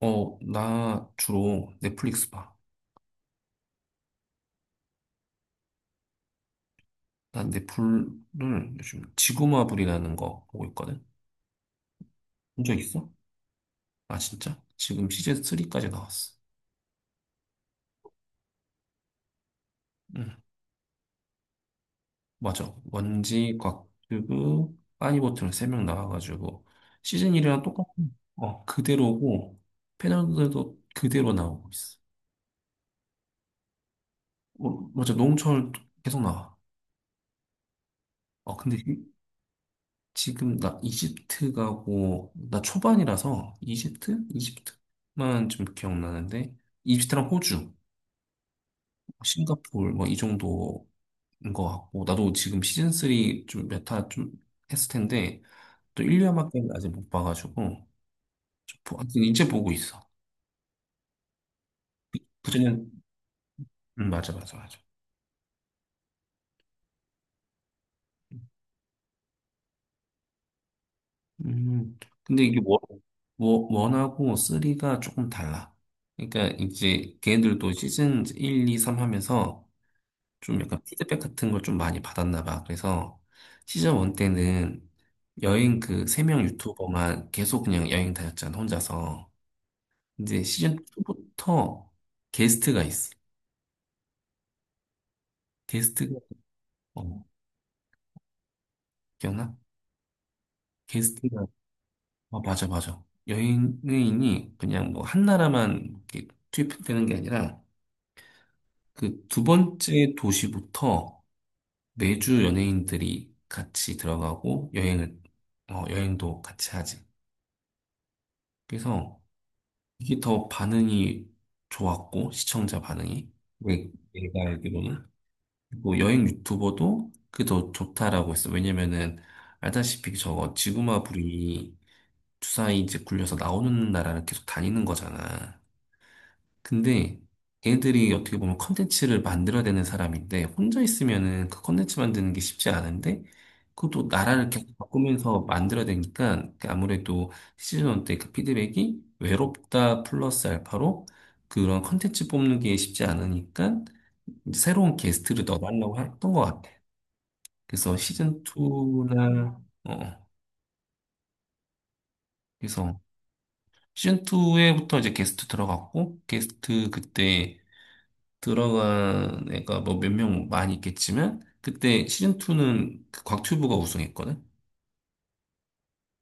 어, 나 주로 넷플릭스 봐. 난 넷플을 요즘 지구마블이라는 거 보고 있거든? 본 적 있어? 아, 진짜? 지금 시즌 3까지 나왔어. 응, 맞아. 원지, 곽튜브, 빠니보틀 세 명 나와가지고 시즌 1이랑 똑같은, 어, 그대로고 패널들도 그대로 나오고 있어. 어, 맞아. 농철 계속 나와. 어, 근데 지금 나 이집트 가고 나 초반이라서 이집트? 이집트만 좀 기억나는데 이집트랑 호주, 싱가포르 뭐 이 정도인 것 같고 나도 지금 시즌 3 좀 메타 좀 했을 텐데 또 1류아밖에 아직 못 봐가지고 하여튼 이제 보고 있어. 그전엔 맞아 맞아 맞아. 근데 이게 원- 원하고 3가 조금 달라. 그러니까 이제 걔네들도 시즌 1, 2, 3 하면서 좀 약간 피드백 같은 걸 좀 많이 받았나 봐. 그래서 시즌 1 때는 여행 그 세 명 유튜버만 계속 그냥 여행 다녔잖아, 혼자서. 이제 시즌 2부터 게스트가 있어. 게스트가, 어, 기억나? 게스트가, 어, 맞아, 맞아. 여행인이 그냥 뭐 한 나라만 이렇게 투입되는 게 아니라 그 두 번째 도시부터 매주 연예인들이 같이 들어가고 여행도 같이 하지. 그래서 이게 더 반응이 좋았고, 시청자 반응이. 왜, 내가 알기로는. 그리고 여행 유튜버도 그게 더 좋다라고 했어. 왜냐면은, 알다시피 저거 지구마블이 주사위 이제 굴려서 나오는 나라를 계속 다니는 거잖아. 근데 걔들이 어떻게 보면 컨텐츠를 만들어야 되는 사람인데 혼자 있으면은 그 컨텐츠 만드는 게 쉽지 않은데 그것도 나라를 계속 바꾸면서 만들어야 되니까 아무래도 시즌 1 때 그 피드백이 외롭다 플러스 알파로 그런 컨텐츠 뽑는 게 쉽지 않으니까 이제 새로운 게스트를 넣어달라고 했던 것 같아. 그래서 시즌 2나 어 그래서 시즌 2에부터 이제 게스트 들어갔고 게스트 그때 들어간 애가 뭐 몇 명 많이 있겠지만 그때 시즌 2는 그 곽튜브가 우승했거든.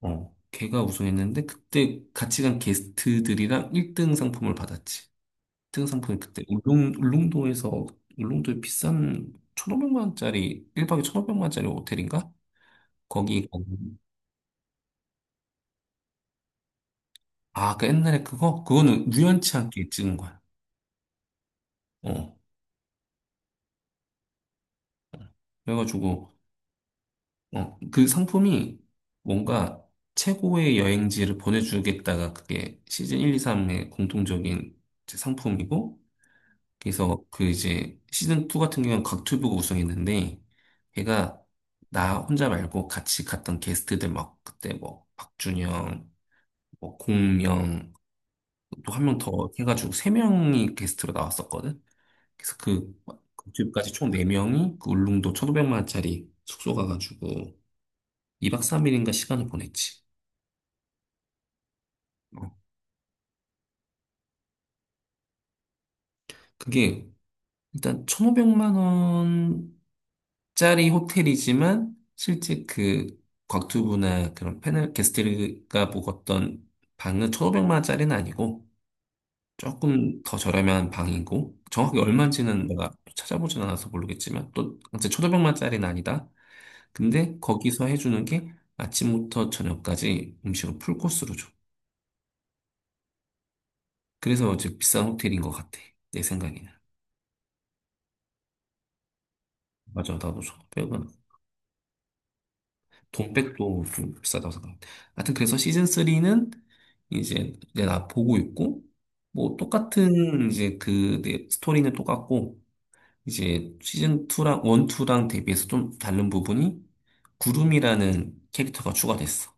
어. 걔가 우승했는데 그때 같이 간 게스트들이랑 1등 상품을 받았지. 1등 상품이 그때 울릉도에 비싼 1,500만 원짜리 일박에 1,500만 원짜리 호텔인가? 거기 간- 아, 그 옛날에 그거는 우연치 않게 찍은 거야. 어. 그래가지고 그 상품이 뭔가 최고의 여행지를 보내주겠다가 그게 시즌 1, 2, 3의 공통적인 이제 상품이고, 그래서 그 이제 시즌 2 같은 경우는 곽튜브가 우승했는데, 걔가 나 혼자 말고 같이 갔던 게스트들 막 그때 뭐 박준영, 뭐 공명, 또 한 명 더 해가지고 세명이 게스트로 나왔었거든. 그래서 그 곽튜브까지 총 네명이그 울릉도 1,500만 원짜리 숙소 가가지고 2박 3일인가 시간을 보냈지. 어, 그게 일단 1,500만 원짜리 호텔이지만 실제 그 곽튜브나 그런 패널 게스트가 묵었던 방은 1,500만 원짜리는 아니고 조금 더 저렴한 방이고 정확히 얼마인지는 내가 찾아보진 않아서 모르겠지만 또 이제 1,500만 원짜리는 아니다. 근데 거기서 해주는 게 아침부터 저녁까지 음식을 풀코스로 줘. 그래서 이제 비싼 호텔인 것 같아. 내 생각에는. 맞아, 나도 1,500은 돈백도 좀 비싸다고 생각합니다. 하여튼 그래서 시즌 3는 이제 내가 보고 있고 뭐 똑같은 이제 그 스토리는 똑같고 이제 시즌 2랑 1, 2랑 대비해서 좀 다른 부분이 구름이라는 캐릭터가 추가됐어.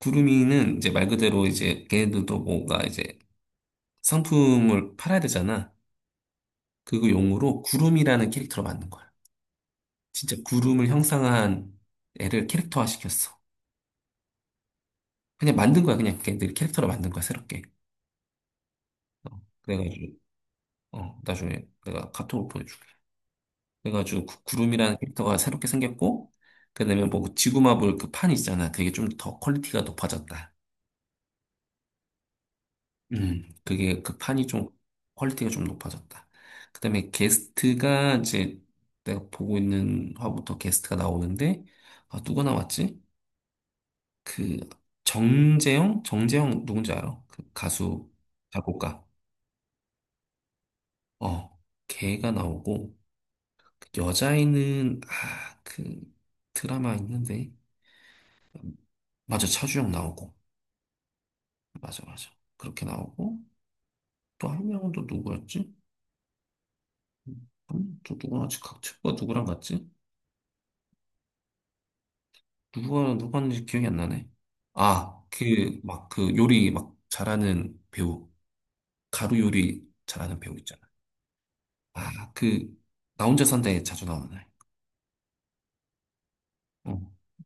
구름이는 이제 말 그대로 이제 걔네들도 뭔가 이제 상품을 팔아야 되잖아. 그거 용으로 구름이라는 캐릭터로 만든 거야. 진짜 구름을 형상한 애를 캐릭터화 시켰어. 그냥 만든 거야. 그냥 걔들 캐릭터를 만든 거야, 새롭게. 어, 그래가지고, 나중에 내가 카톡으로 보내줄게. 그래가지고 구름이라는 캐릭터가 새롭게 생겼고, 그다음에 뭐 그 지구마블 그 판 있잖아. 그게 좀 더 퀄리티가 높아졌다. 그게 그 판이 좀 퀄리티가 좀 높아졌다. 그다음에 게스트가 이제 내가 보고 있는 화부터 게스트가 나오는데, 아, 누가 나왔지? 그 정재영? 정재영 누군지 알아? 그 가수 작곡가. 어, 걔가 나오고. 여자애는 아, 그 드라마 있는데 맞아 차주영 나오고 맞아 맞아 그렇게 나오고 또 한 명은 또 누구였지? 또 누구랑 같이 각 친구가 누구랑 같지? 누가 누구였는지 기억이 안 나네. 아 그 막 그 요리 막 잘하는 배우 가루 요리 잘하는 배우 있잖아. 아 그 나 혼자 산다에 자주 나오는 애. 어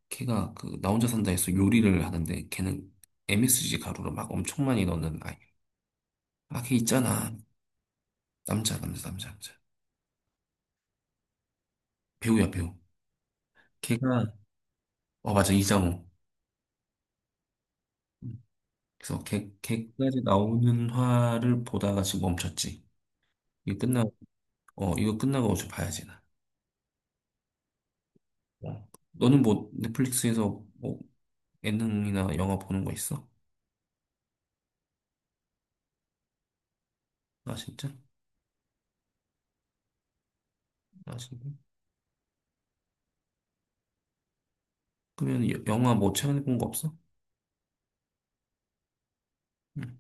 걔가 그 나 혼자 산다에서 요리를 하는데 걔는 MSG 가루를 막 엄청 많이 넣는 아이. 아, 걔 있잖아. 남자, 남자, 남자, 남자. 배우야, 배우. 걔가, 어, 맞아, 이장우. 그래서 걔까지 나오는 화를 보다가 지금 멈췄지. 이거 끝나, 이거 끝나고 어제 봐야지, 나. 어. 너는 뭐, 넷플릭스에서 뭐, 예능이나 영화 보는 거 있어? 아, 진짜? 아, 진짜? 그러면 영화 뭐 최근에 본 거 없어? 응.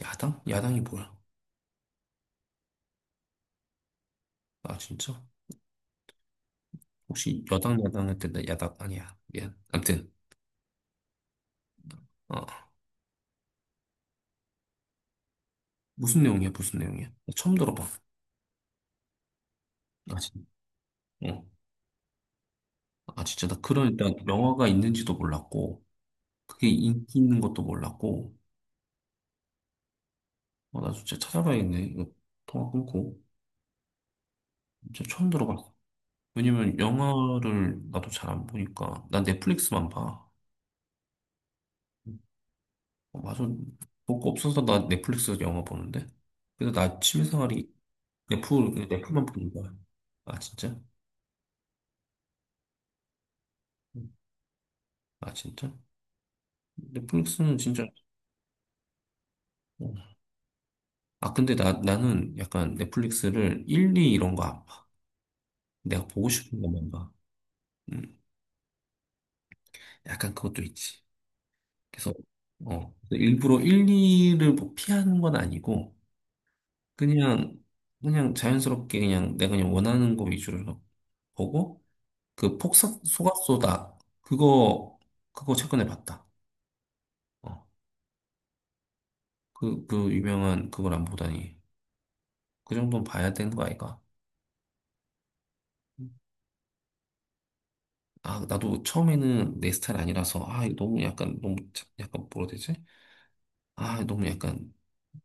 야당? 야당이 뭐야? 아, 진짜? 혹시 여당, 야당 할 때 나 야당 아니야. 미안. 아무튼, 어. 무슨 내용이야, 무슨 내용이야? 나 처음 들어봐. 아, 진짜? 어. 아, 진짜 나 그런 일단 영화가 있는지도 몰랐고, 그게 인기 있는 것도 몰랐고, 어, 나 진짜 찾아봐야겠네. 이거 통화 끊고. 진짜 처음 들어봤어. 왜냐면 영화를 나도 잘 안 보니까, 난 넷플릭스만 봐. 어, 맞아. 볼 거 없어서 나 넷플릭스 영화 보는데? 근데 나 취미생활이 그냥 넷플만 보는 거야. 아, 진짜? 음. 아, 진짜? 넷플릭스는 진짜. 어. 아, 근데 나는 약간 넷플릭스를 1, 2 이런 거 안 봐. 내가 보고 싶은 것만 봐. 음, 약간 그것도 있지. 그래서, 일부러 1, 2를 뭐 피하는 건 아니고, 그냥, 그냥 자연스럽게 그냥 내가 그냥 원하는 거 위주로 보고, 그 폭삭, 소각소다. 그거, 그거 최근에 봤다. 어, 그 유명한 그걸 안 보다니. 그 정도는 봐야 되는 거 아이가? 아, 나도 처음에는 내 스타일 아니라서, 아, 이거 너무 약간, 너무, 약간 뭐라 해야 되지? 아, 너무 약간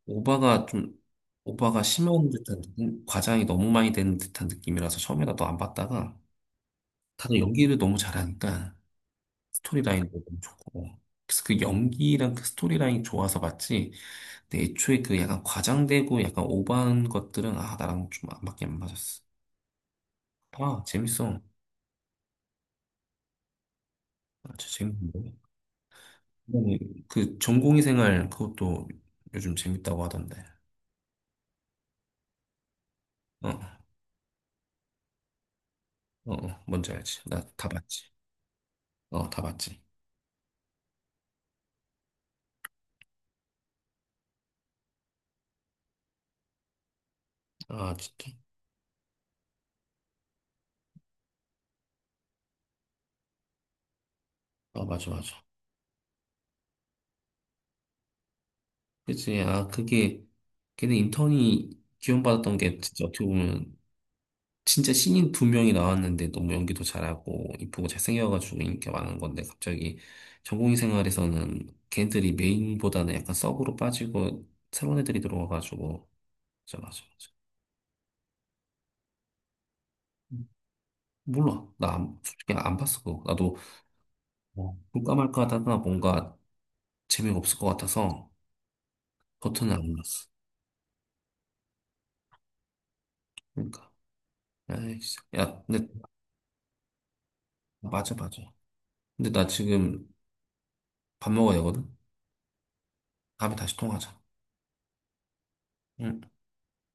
오바가 좀 오바가 심한 듯한 느낌, 과장이 너무 많이 되는 듯한 느낌이라서 처음에 나도 안 봤다가 다들 연기를 너무 잘하니까 스토리라인도 너무 좋고 그래서 그 연기랑 그 스토리라인이 좋아서 봤지 근데 애초에 그 약간 과장되고 약간 오버한 것들은 나랑 좀 안 맞았어 아 재밌어 아, 진짜 재밌는데 그다음에 그 전공의 생활 그것도 요즘 재밌다고 하던데 어어 어, 어, 뭔지 알지 나 다 봤지 어 다 봤지 아 진짜 아, 맞아, 맞아. 그치. 아, 그게, 걔네 인턴이 기원받았던 게 진짜 어떻게 보면, 진짜 신인 두 명이 나왔는데 너무 연기도 잘하고, 이쁘고 잘생겨가지고 인기가 많은 건데, 갑자기 전공의 생활에서는 걔네들이 메인보다는 약간 서브로 빠지고, 새로운 애들이 들어와가지고, 맞아, 맞아, 맞아. 음, 몰라. 나 안- 솔직히 안 봤어, 그거. 나도 뭐 볼까 말까 하다가 뭔가 재미가 없을 것 같아서, 버튼을 안 눌렀어. 그러니까. 아 진짜. 야, 근데, 맞아, 맞아. 근데 나 지금 밥 먹어야 되거든? 다음에 다시 통화하자. 응.